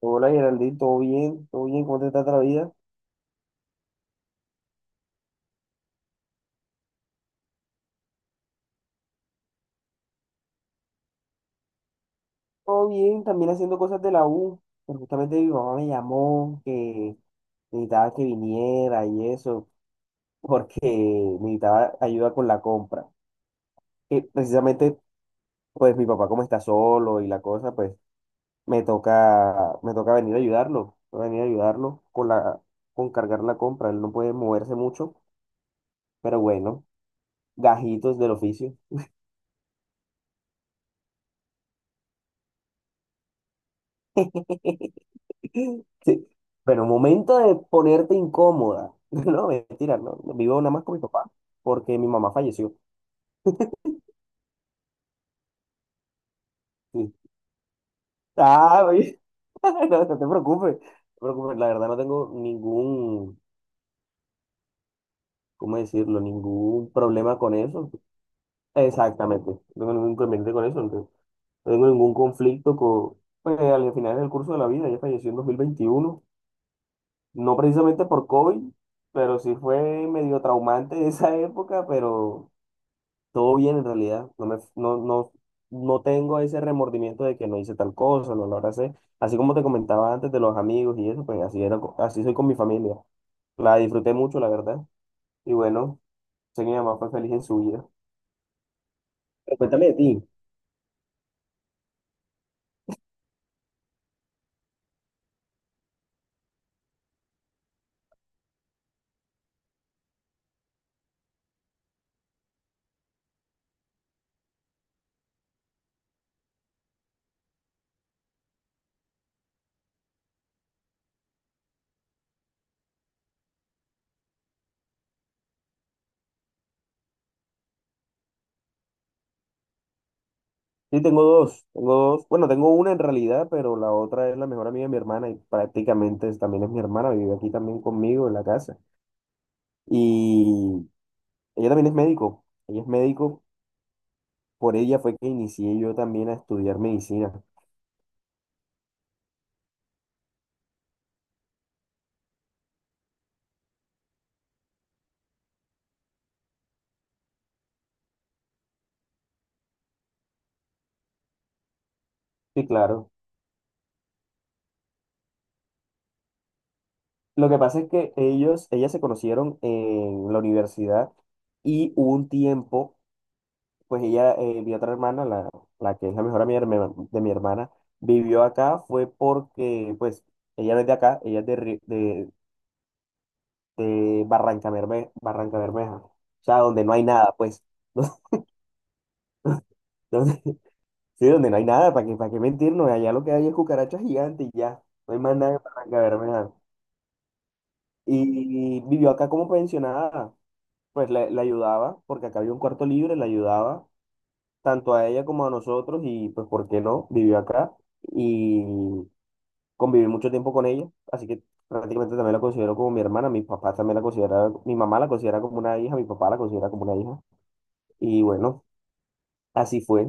Hola Geraldine, ¿todo bien? ¿Todo bien? ¿Cómo te está la vida? Todo bien, también haciendo cosas de la U. Pero justamente mi mamá me llamó que necesitaba que viniera y eso, porque necesitaba ayuda con la compra. Que precisamente, pues mi papá como está solo y la cosa, pues me toca venir a ayudarlo, con cargar la compra. Él no puede moverse mucho, pero bueno, gajitos del oficio. Sí. Pero momento de ponerte incómoda. No, mentira, no. Vivo nada más con mi papá, porque mi mamá falleció. Sí. Ah, oye, no, no te preocupes. No te preocupes. La verdad no tengo ningún, ¿cómo decirlo? Ningún problema con eso. Exactamente. No tengo ningún inconveniente con eso. No no tengo ningún conflicto con. Pues al final del curso de la vida, ella falleció en 2021. No precisamente por COVID, pero sí fue medio traumante esa época. Todo bien en realidad, no me, no, no, no tengo ese remordimiento de que no hice tal cosa, no lo abracé. Así como te comentaba antes de los amigos y eso, pues así era, así soy con mi familia. La disfruté mucho, la verdad. Y bueno, sé que mi mamá fue feliz en su vida. Pero cuéntame de ti. Sí, tengo dos. Bueno, tengo una en realidad, pero la otra es la mejor amiga de mi hermana y prácticamente también es mi hermana, vive aquí también conmigo en la casa. Y ella también es médico, ella es médico, por ella fue que inicié yo también a estudiar medicina. Sí, claro. Lo que pasa es que ellas se conocieron en la universidad y hubo un tiempo, pues ella, mi otra hermana, la que es la mejor amiga de de mi hermana, vivió acá, fue porque, pues, ella no es de acá, ella es de Barranca Bermeja, o sea, donde no hay nada, pues, donde- sí, donde no hay nada, ¿para qué mentirnos? Allá lo que hay es cucarachas gigantes y ya, no hay más nada en Barranca Bermeja. Y vivió acá como pensionada. Pues le ayudaba, porque acá había un cuarto libre, le ayudaba tanto a ella como a nosotros y pues, ¿por qué no? Vivió acá y conviví mucho tiempo con ella, así que prácticamente también la considero como mi hermana, mis papás también la consideran, mi mamá la considera como una hija, mi papá la considera como una hija y bueno, así fue,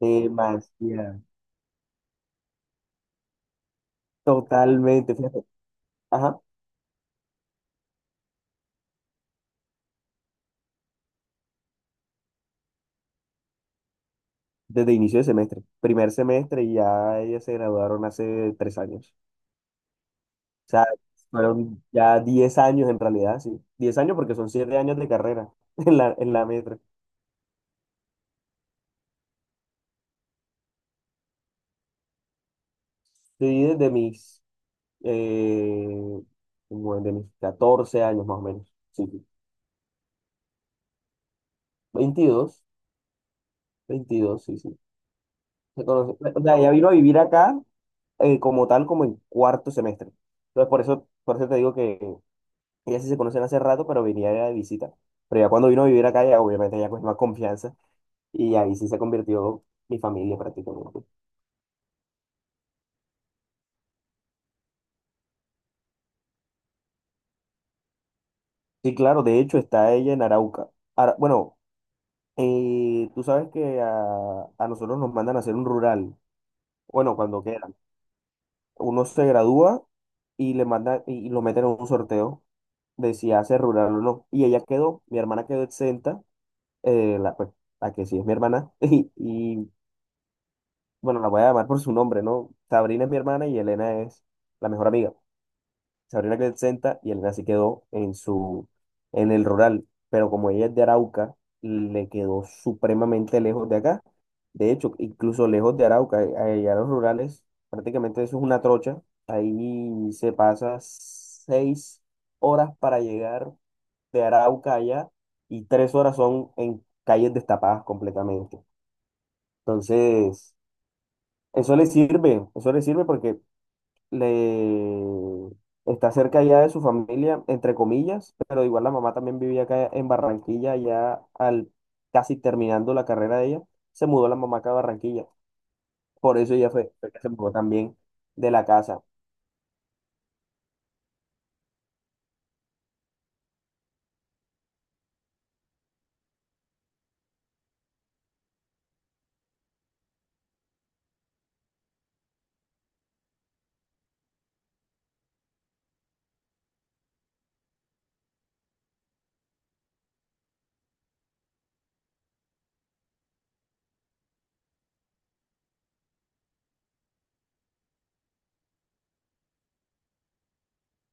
demasiado, totalmente, fíjate, ajá, desde inicio de semestre, primer semestre y ya ellas se graduaron hace 3 años. O sea, fueron ya 10 años en realidad, sí. 10 años porque son 7 años de carrera en la metra. Sí, eh, como desde mis 14 años más o menos. Sí, sí. Veintidós 22, sí, sí. O sea, ella vino a vivir acá como tal, como en cuarto semestre. Entonces, por eso te digo que ellas sí se conocen hace rato, pero venía de visita. Pero ya cuando vino a vivir acá, ya obviamente ya cogió más confianza y ahí sí se convirtió mi familia prácticamente. Sí, claro, de hecho está ella en Arauca. Bueno, tú sabes que a nosotros nos mandan a hacer un rural, bueno, cuando quieran. Uno se gradúa y le mandan y lo meten en un sorteo de si hace rural o no. Mi hermana quedó exenta, eh, la, pues, la que sí es mi hermana, bueno, la voy a llamar por su nombre, ¿no? Sabrina es mi hermana y Elena es la mejor amiga. Se abrió la Crescenta y Elena se quedó en el rural. Pero como ella es de Arauca, le quedó supremamente lejos de acá. De hecho, incluso lejos de Arauca, allá en los rurales, prácticamente eso es una trocha. Ahí se pasa seis horas para llegar de Arauca allá y 3 horas son en calles destapadas completamente. Entonces, eso le sirve porque le está cerca ya de su familia, entre comillas, pero igual la mamá también vivía acá en Barranquilla, ya al casi terminando la carrera de ella, se mudó la mamá acá a Barranquilla. Por eso ella fue que se mudó también de la casa.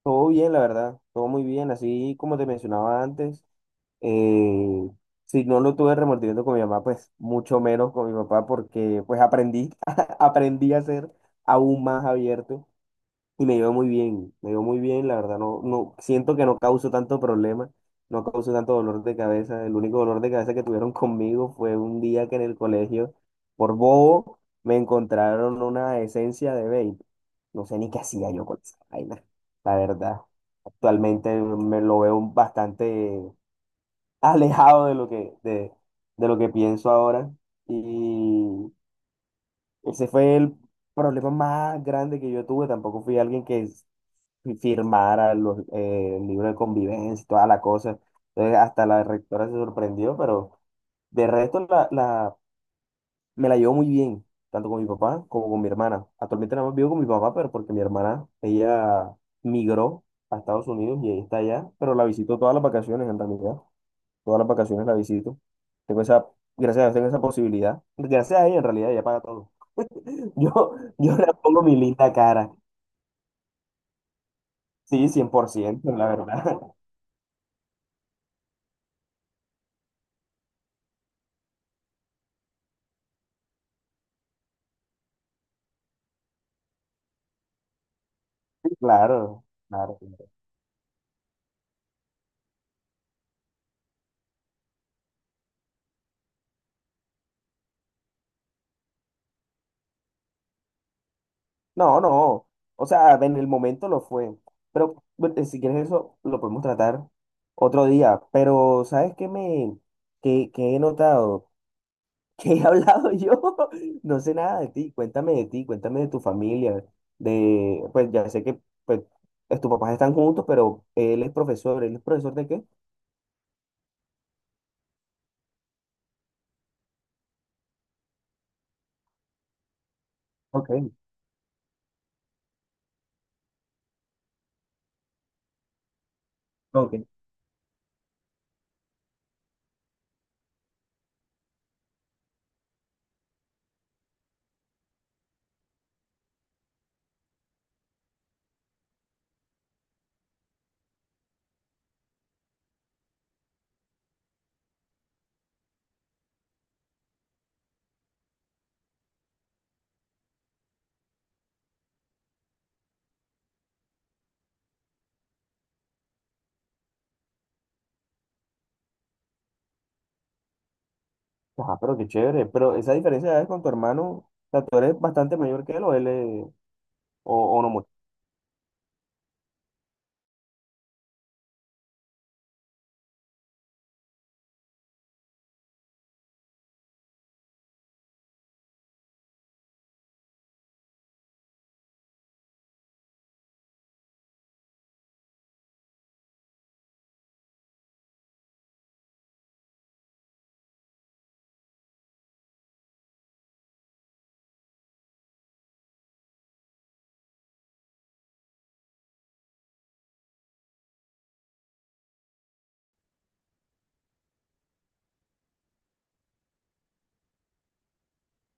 Todo bien, la verdad, todo muy bien, así como te mencionaba antes. eh, si no lo tuve remordimiento con mi mamá, pues mucho menos con mi papá, porque pues aprendí, aprendí a ser aún más abierto. Y me iba muy bien, la verdad, no, no, siento que no causo tanto problema, no causo tanto dolor de cabeza. El único dolor de cabeza que tuvieron conmigo fue un día que en el colegio, por bobo, me encontraron una esencia de vape. No sé ni qué hacía yo con esa vaina, la verdad. Actualmente me lo veo bastante alejado de lo que, de lo que pienso ahora. Y ese fue el problema más grande que yo tuve. Tampoco fui alguien que y firmara el libro de convivencia y toda la cosa. Entonces, hasta la rectora se sorprendió, pero de resto me la llevo muy bien, tanto con mi papá como con mi hermana. Actualmente nada más vivo con mi papá, pero porque mi hermana, ella migró a Estados Unidos y ahí está allá, pero la visito todas las vacaciones en realidad. Todas las vacaciones la visito. Tengo esa, gracias a Dios tengo esa posibilidad. Gracias a ella en realidad ella paga todo. Yo, yo le pongo mi linda cara. Sí, 100% la verdad. Sí, claro, claro. Claro. No, no. O sea, en el momento lo fue. Pero bueno, si quieres eso, lo podemos tratar otro día. Pero, ¿sabes qué he notado? ¿Qué he hablado yo? No sé nada de ti. Cuéntame de ti, cuéntame de tu familia. Pues ya sé que pues, tus papás están juntos, pero él es profesor. ¿Él es profesor de qué? Ok, ok. Ajá, pero qué chévere. Pero esa diferencia de edades con tu hermano, o sea, tú eres bastante mayor que él o él es, o no mucho.